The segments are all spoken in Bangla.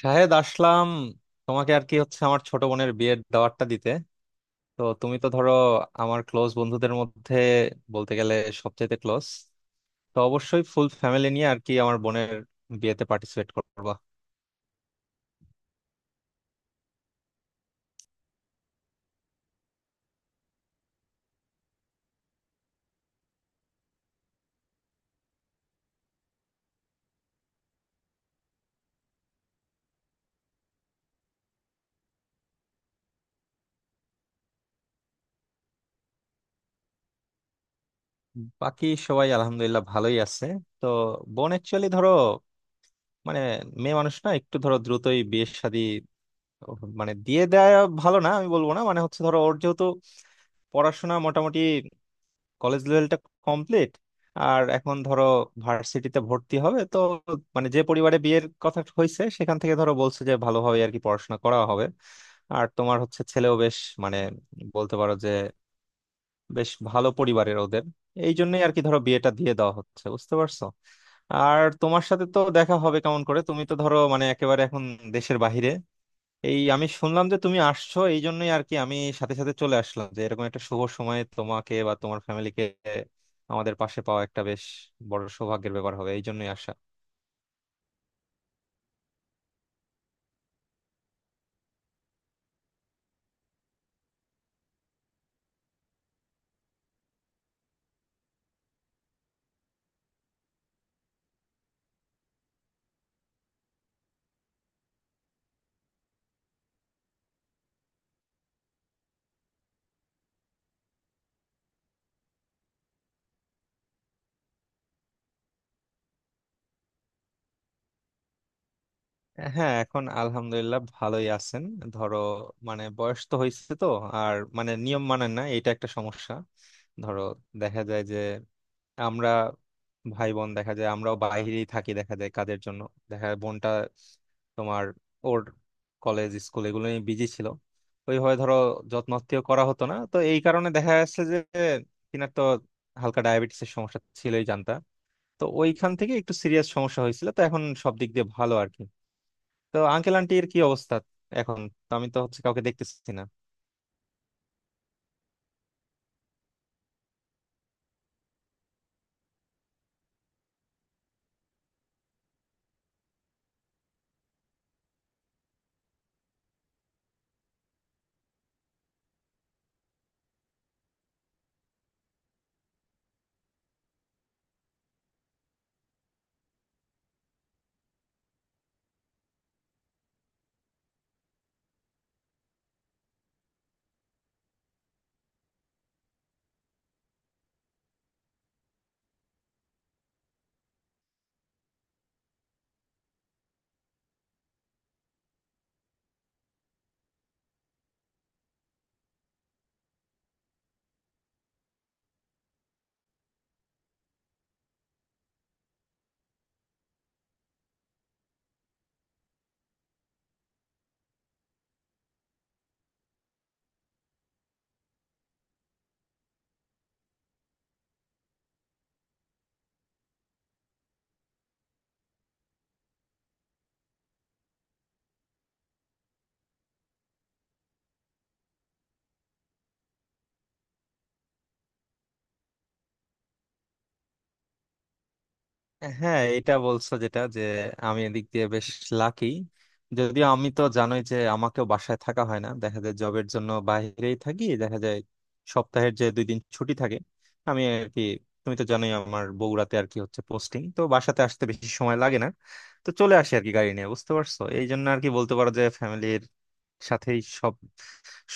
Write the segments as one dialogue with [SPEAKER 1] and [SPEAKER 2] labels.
[SPEAKER 1] শাহেদ আসলাম, তোমাকে আর কি হচ্ছে আমার ছোট বোনের বিয়ের দাওয়াতটা দিতে। তো তুমি তো ধরো আমার ক্লোজ বন্ধুদের মধ্যে বলতে গেলে সবচেয়ে ক্লোজ। তো অবশ্যই ফুল ফ্যামিলি নিয়ে আর কি আমার বোনের বিয়েতে পার্টিসিপেট করবা। বাকি সবাই আলহামদুলিল্লাহ ভালোই আছে। তো বোন অ্যাকচুয়ালি ধরো মানে মেয়ে মানুষ না, একটু ধরো দ্রুতই বিয়ে শাদী মানে দিয়ে দেয়া ভালো, না আমি বলবো না, মানে হচ্ছে ধরো ওর যেহেতু পড়াশোনা মোটামুটি কলেজ লেভেলটা কমপ্লিট, আর এখন ধরো ভার্সিটিতে ভর্তি হবে। তো মানে যে পরিবারে বিয়ের কথা হয়েছে সেখান থেকে ধরো বলছে যে ভালোভাবে আর কি পড়াশোনা করা হবে। আর তোমার হচ্ছে ছেলেও বেশ মানে বলতে পারো যে বেশ ভালো পরিবারের ওদের, এই জন্যই আর কি ধরো বিয়েটা দিয়ে দেওয়া হচ্ছে, বুঝতে পারছো? আর তোমার সাথে তো দেখা হবে কেমন করে, তুমি তো ধরো মানে একেবারে এখন দেশের বাইরে। এই আমি শুনলাম যে তুমি আসছো, এই জন্যই আর কি আমি সাথে সাথে চলে আসলাম যে এরকম একটা শুভ সময়ে তোমাকে বা তোমার ফ্যামিলিকে আমাদের পাশে পাওয়া একটা বেশ বড় সৌভাগ্যের ব্যাপার হবে, এই জন্যই আসা। হ্যাঁ, এখন আলহামদুলিল্লাহ ভালোই আছেন। ধরো মানে বয়স তো হয়েছে তো, আর মানে নিয়ম মানেন না, এটা একটা সমস্যা। ধরো দেখা যায় যে আমরা ভাই বোন দেখা যায় আমরাও বাইরেই থাকি দেখা যায় কাজের জন্য, দেখা যায় বোনটা তোমার ওর কলেজ স্কুল এগুলো নিয়ে বিজি ছিল, ওইভাবে ধরো যত্ন আত্তীয় করা হতো না, তো এই কারণে দেখা যাচ্ছে যে কিনার তো হালকা ডায়াবেটিসের সমস্যা ছিলই জানতা। তো ওইখান থেকে একটু সিরিয়াস সমস্যা হয়েছিল, তো এখন সব দিক দিয়ে ভালো আর কি। তো আঙ্কেল আন্টির কি অবস্থা এখন? তো আমি তো হচ্ছে কাউকে দেখতেছি না। হ্যাঁ, এটা বলছো যেটা যে আমি এদিক দিয়ে বেশ লাকি, যদিও আমি তো জানোই যে আমাকেও বাসায় থাকা হয় না, দেখা যায় জবের জন্য বাইরেই থাকি দেখা যায়। সপ্তাহের যে দুই দিন ছুটি থাকে আমি আর কি, তুমি তো জানোই আমার বগুড়াতে আর কি হচ্ছে পোস্টিং, তো বাসাতে আসতে বেশি সময় লাগে না, তো চলে আসি আর কি গাড়ি নিয়ে, বুঝতে পারছো? এই জন্য আর কি বলতে পারো যে ফ্যামিলির সাথেই সব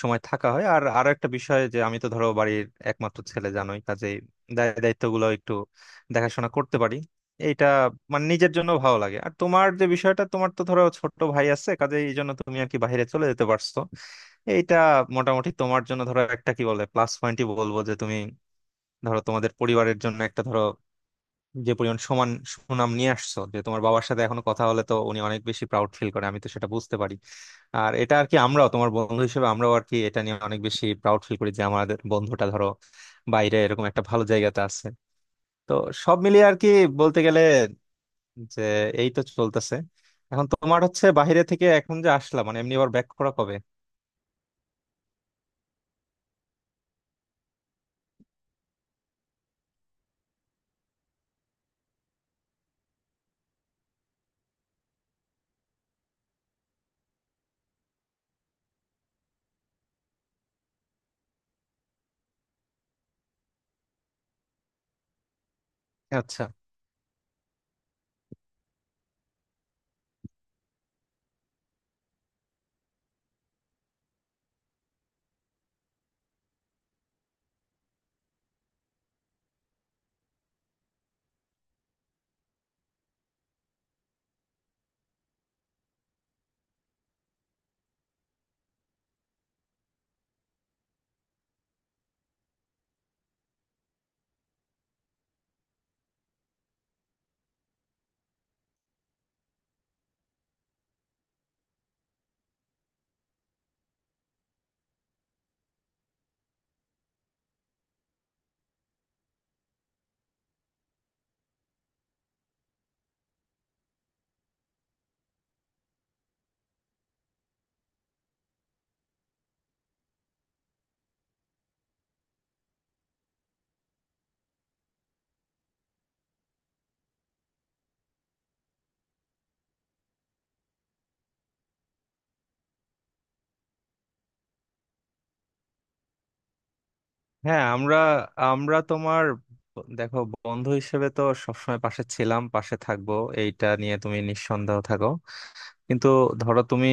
[SPEAKER 1] সময় থাকা হয়। আর আরো একটা বিষয় যে আমি তো ধরো বাড়ির একমাত্র ছেলে জানোই, কাজেই দায় দায়িত্বগুলো একটু দেখাশোনা করতে পারি, এইটা মানে নিজের জন্য ভালো লাগে। আর তোমার যে বিষয়টা, তোমার তো ধরো ছোট ভাই আছে, কাজেই এই জন্য তুমি আর কি বাইরে চলে যেতে পারছো। এইটা মোটামুটি তোমার জন্য ধরো একটা কি বলে প্লাস পয়েন্টই বলবো, যে তুমি ধরো তোমাদের পরিবারের জন্য একটা ধরো যে পরিমাণ সমান সুনাম নিয়ে আসছো, যে তোমার বাবার সাথে এখনো কথা হলে তো উনি অনেক বেশি প্রাউড ফিল করে, আমি তো সেটা বুঝতে পারি। আর এটা আর কি আমরাও তোমার বন্ধু হিসেবে আমরাও আর কি এটা নিয়ে অনেক বেশি প্রাউড ফিল করি, যে আমাদের বন্ধুটা ধরো বাইরে এরকম একটা ভালো জায়গাতে আছে। তো সব মিলিয়ে আর কি বলতে গেলে যে এই তো চলতেছে। এখন তোমার হচ্ছে বাইরে থেকে এখন যে আসলাম, মানে এমনি আবার ব্যাক করা কবে? আচ্ছা। হ্যাঁ আমরা আমরা তোমার দেখো বন্ধু হিসেবে তো সবসময় পাশে ছিলাম, পাশে থাকবো, এইটা নিয়ে তুমি নিঃসন্দেহ থাকো। কিন্তু ধরো তুমি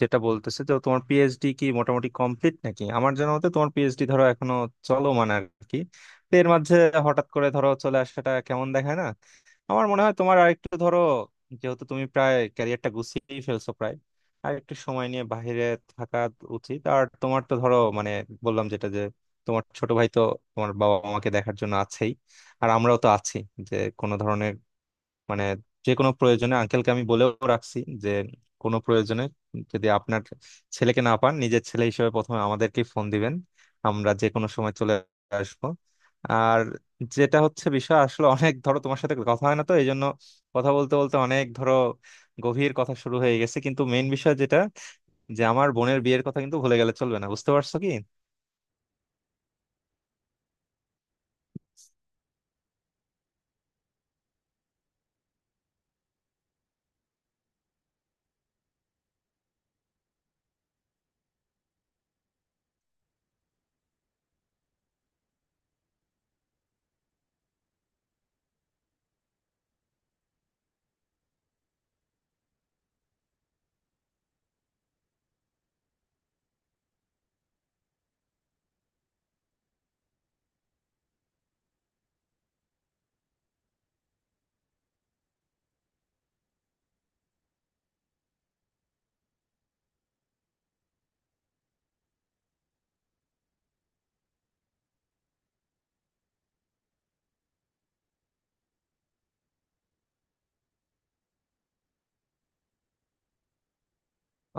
[SPEAKER 1] যেটা বলতেছে যে তোমার পিএইচডি কি মোটামুটি কমপ্লিট নাকি? আমার জানা মতে তোমার পিএইচডি ধরো এখনো চলো মানে আর কি। তো এর মাঝে হঠাৎ করে ধরো চলে আসাটা কেমন দেখায় না? আমার মনে হয় তোমার আরেকটু ধরো, যেহেতু তুমি প্রায় ক্যারিয়ারটা গুছিয়েই ফেলছো প্রায়, আর একটু সময় নিয়ে বাইরে থাকা উচিত। আর তোমার তো ধরো মানে বললাম যেটা যে তোমার ছোট ভাই তো তোমার বাবা মাকে দেখার জন্য আছেই, আর আমরাও তো আছি। যে কোনো ধরনের মানে যে কোনো প্রয়োজনে আঙ্কেলকে আমি বলেও রাখছি যে কোনো প্রয়োজনে যদি আপনার ছেলেকে না পান, নিজের ছেলে হিসেবে প্রথমে আমাদেরকে ফোন দিবেন, আমরা যে কোনো সময় চলে আসবো। আর যেটা হচ্ছে বিষয় আসলে অনেক ধরো তোমার সাথে কথা হয় না, তো এই জন্য কথা বলতে বলতে অনেক ধরো গভীর কথা শুরু হয়ে গেছে, কিন্তু মেইন বিষয় যেটা যে আমার বোনের বিয়ের কথা কিন্তু ভুলে গেলে চলবে না, বুঝতে পারছো কি?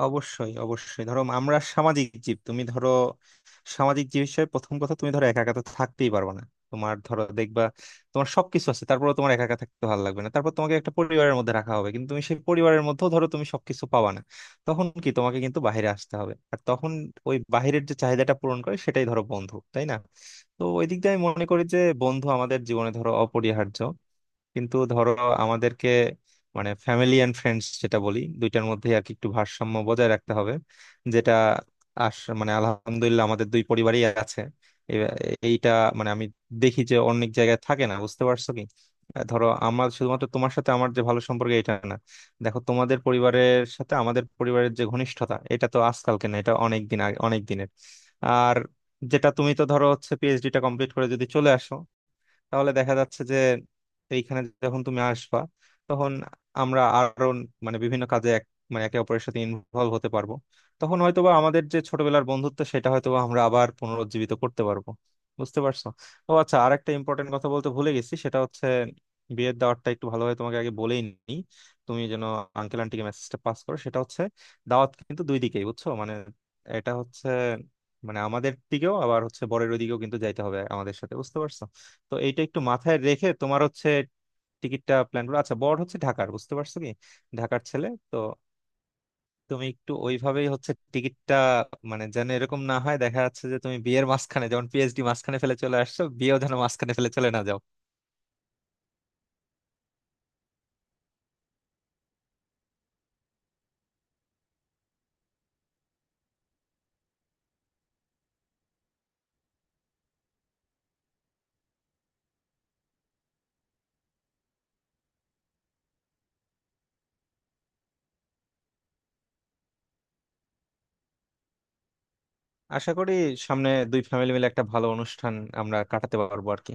[SPEAKER 1] অবশ্যই, অবশ্যই ধরো আমরা সামাজিক জীব, তুমি ধরো সামাজিক জীব হিসেবে প্রথম কথা তুমি ধরো একা একা তো থাকতেই পারবে না। তোমার ধরো দেখবা তোমার সবকিছু আছে, তারপরে তোমার একা একা থাকতে ভালো লাগবে না, তারপর তোমাকে একটা পরিবারের মধ্যে রাখা হবে, কিন্তু তুমি সেই পরিবারের মধ্যেও ধরো তুমি সবকিছু পাবা না। তখন কি তোমাকে কিন্তু বাইরে আসতে হবে, আর তখন ওই বাইরের যে চাহিদাটা পূরণ করে সেটাই ধরো বন্ধু, তাই না? তো ওই দিক দিয়ে আমি মনে করি যে বন্ধু আমাদের জীবনে ধরো অপরিহার্য। কিন্তু ধরো আমাদেরকে মানে ফ্যামিলি এন্ড ফ্রেন্ডস যেটা বলি দুইটার মধ্যে আর কি একটু ভারসাম্য বজায় রাখতে হবে, যেটা আস মানে আলহামদুলিল্লাহ আমাদের দুই পরিবারই আছে। এ- এইটা মানে আমি দেখি যে অনেক জায়গায় থাকে না, বুঝতে পারছো কি? ধরো আমার শুধুমাত্র তোমার সাথে আমার যে ভালো সম্পর্ক এটা না, দেখো তোমাদের পরিবারের সাথে আমাদের পরিবারের যে ঘনিষ্ঠতা এটা তো আজকালকে না, এটা অনেক দিন আগে, অনেক দিনের। আর যেটা, তুমি তো ধরো হচ্ছে পিএইচডিটা কমপ্লিট করে যদি চলে আসো, তাহলে দেখা যাচ্ছে যে এইখানে যখন তুমি আসবা তখন আমরা আরো মানে বিভিন্ন কাজে এক মানে একে অপরের সাথে ইনভলভ হতে পারবো, তখন হয়তোবা আমাদের যে ছোটবেলার বন্ধুত্ব সেটা হয়তোবা আমরা আবার পুনরুজ্জীবিত করতে পারবো, বুঝতে পারছো? ও আচ্ছা, আর একটা ইম্পর্টেন্ট কথা বলতে ভুলে গেছি, সেটা হচ্ছে বিয়ের দাওয়াতটা একটু ভালোভাবে তোমাকে আগে বলেই নি। তুমি যেন আঙ্কেল আন্টিকে মেসেজটা পাস করো, সেটা হচ্ছে দাওয়াত কিন্তু দুই দিকেই, বুঝছো? মানে এটা হচ্ছে মানে আমাদের দিকেও আবার হচ্ছে বরের ওদিকেও কিন্তু যাইতে হবে আমাদের সাথে, বুঝতে পারছো? তো এইটা একটু মাথায় রেখে তোমার হচ্ছে টিকিটটা প্ল্যান করো। আচ্ছা বড় হচ্ছে ঢাকার, বুঝতে পারছো কি? ঢাকার ছেলে তো। তুমি একটু ওইভাবেই হচ্ছে টিকিটটা মানে যেন এরকম না হয় দেখা যাচ্ছে যে তুমি বিয়ের মাঝখানে, যেমন পিএইচডি মাঝখানে ফেলে চলে আসছো, বিয়েও যেন মাঝখানে ফেলে চলে না যাও। আশা করি সামনে দুই ফ্যামিলি মিলে একটা ভালো অনুষ্ঠান আমরা কাটাতে পারবো আর কি।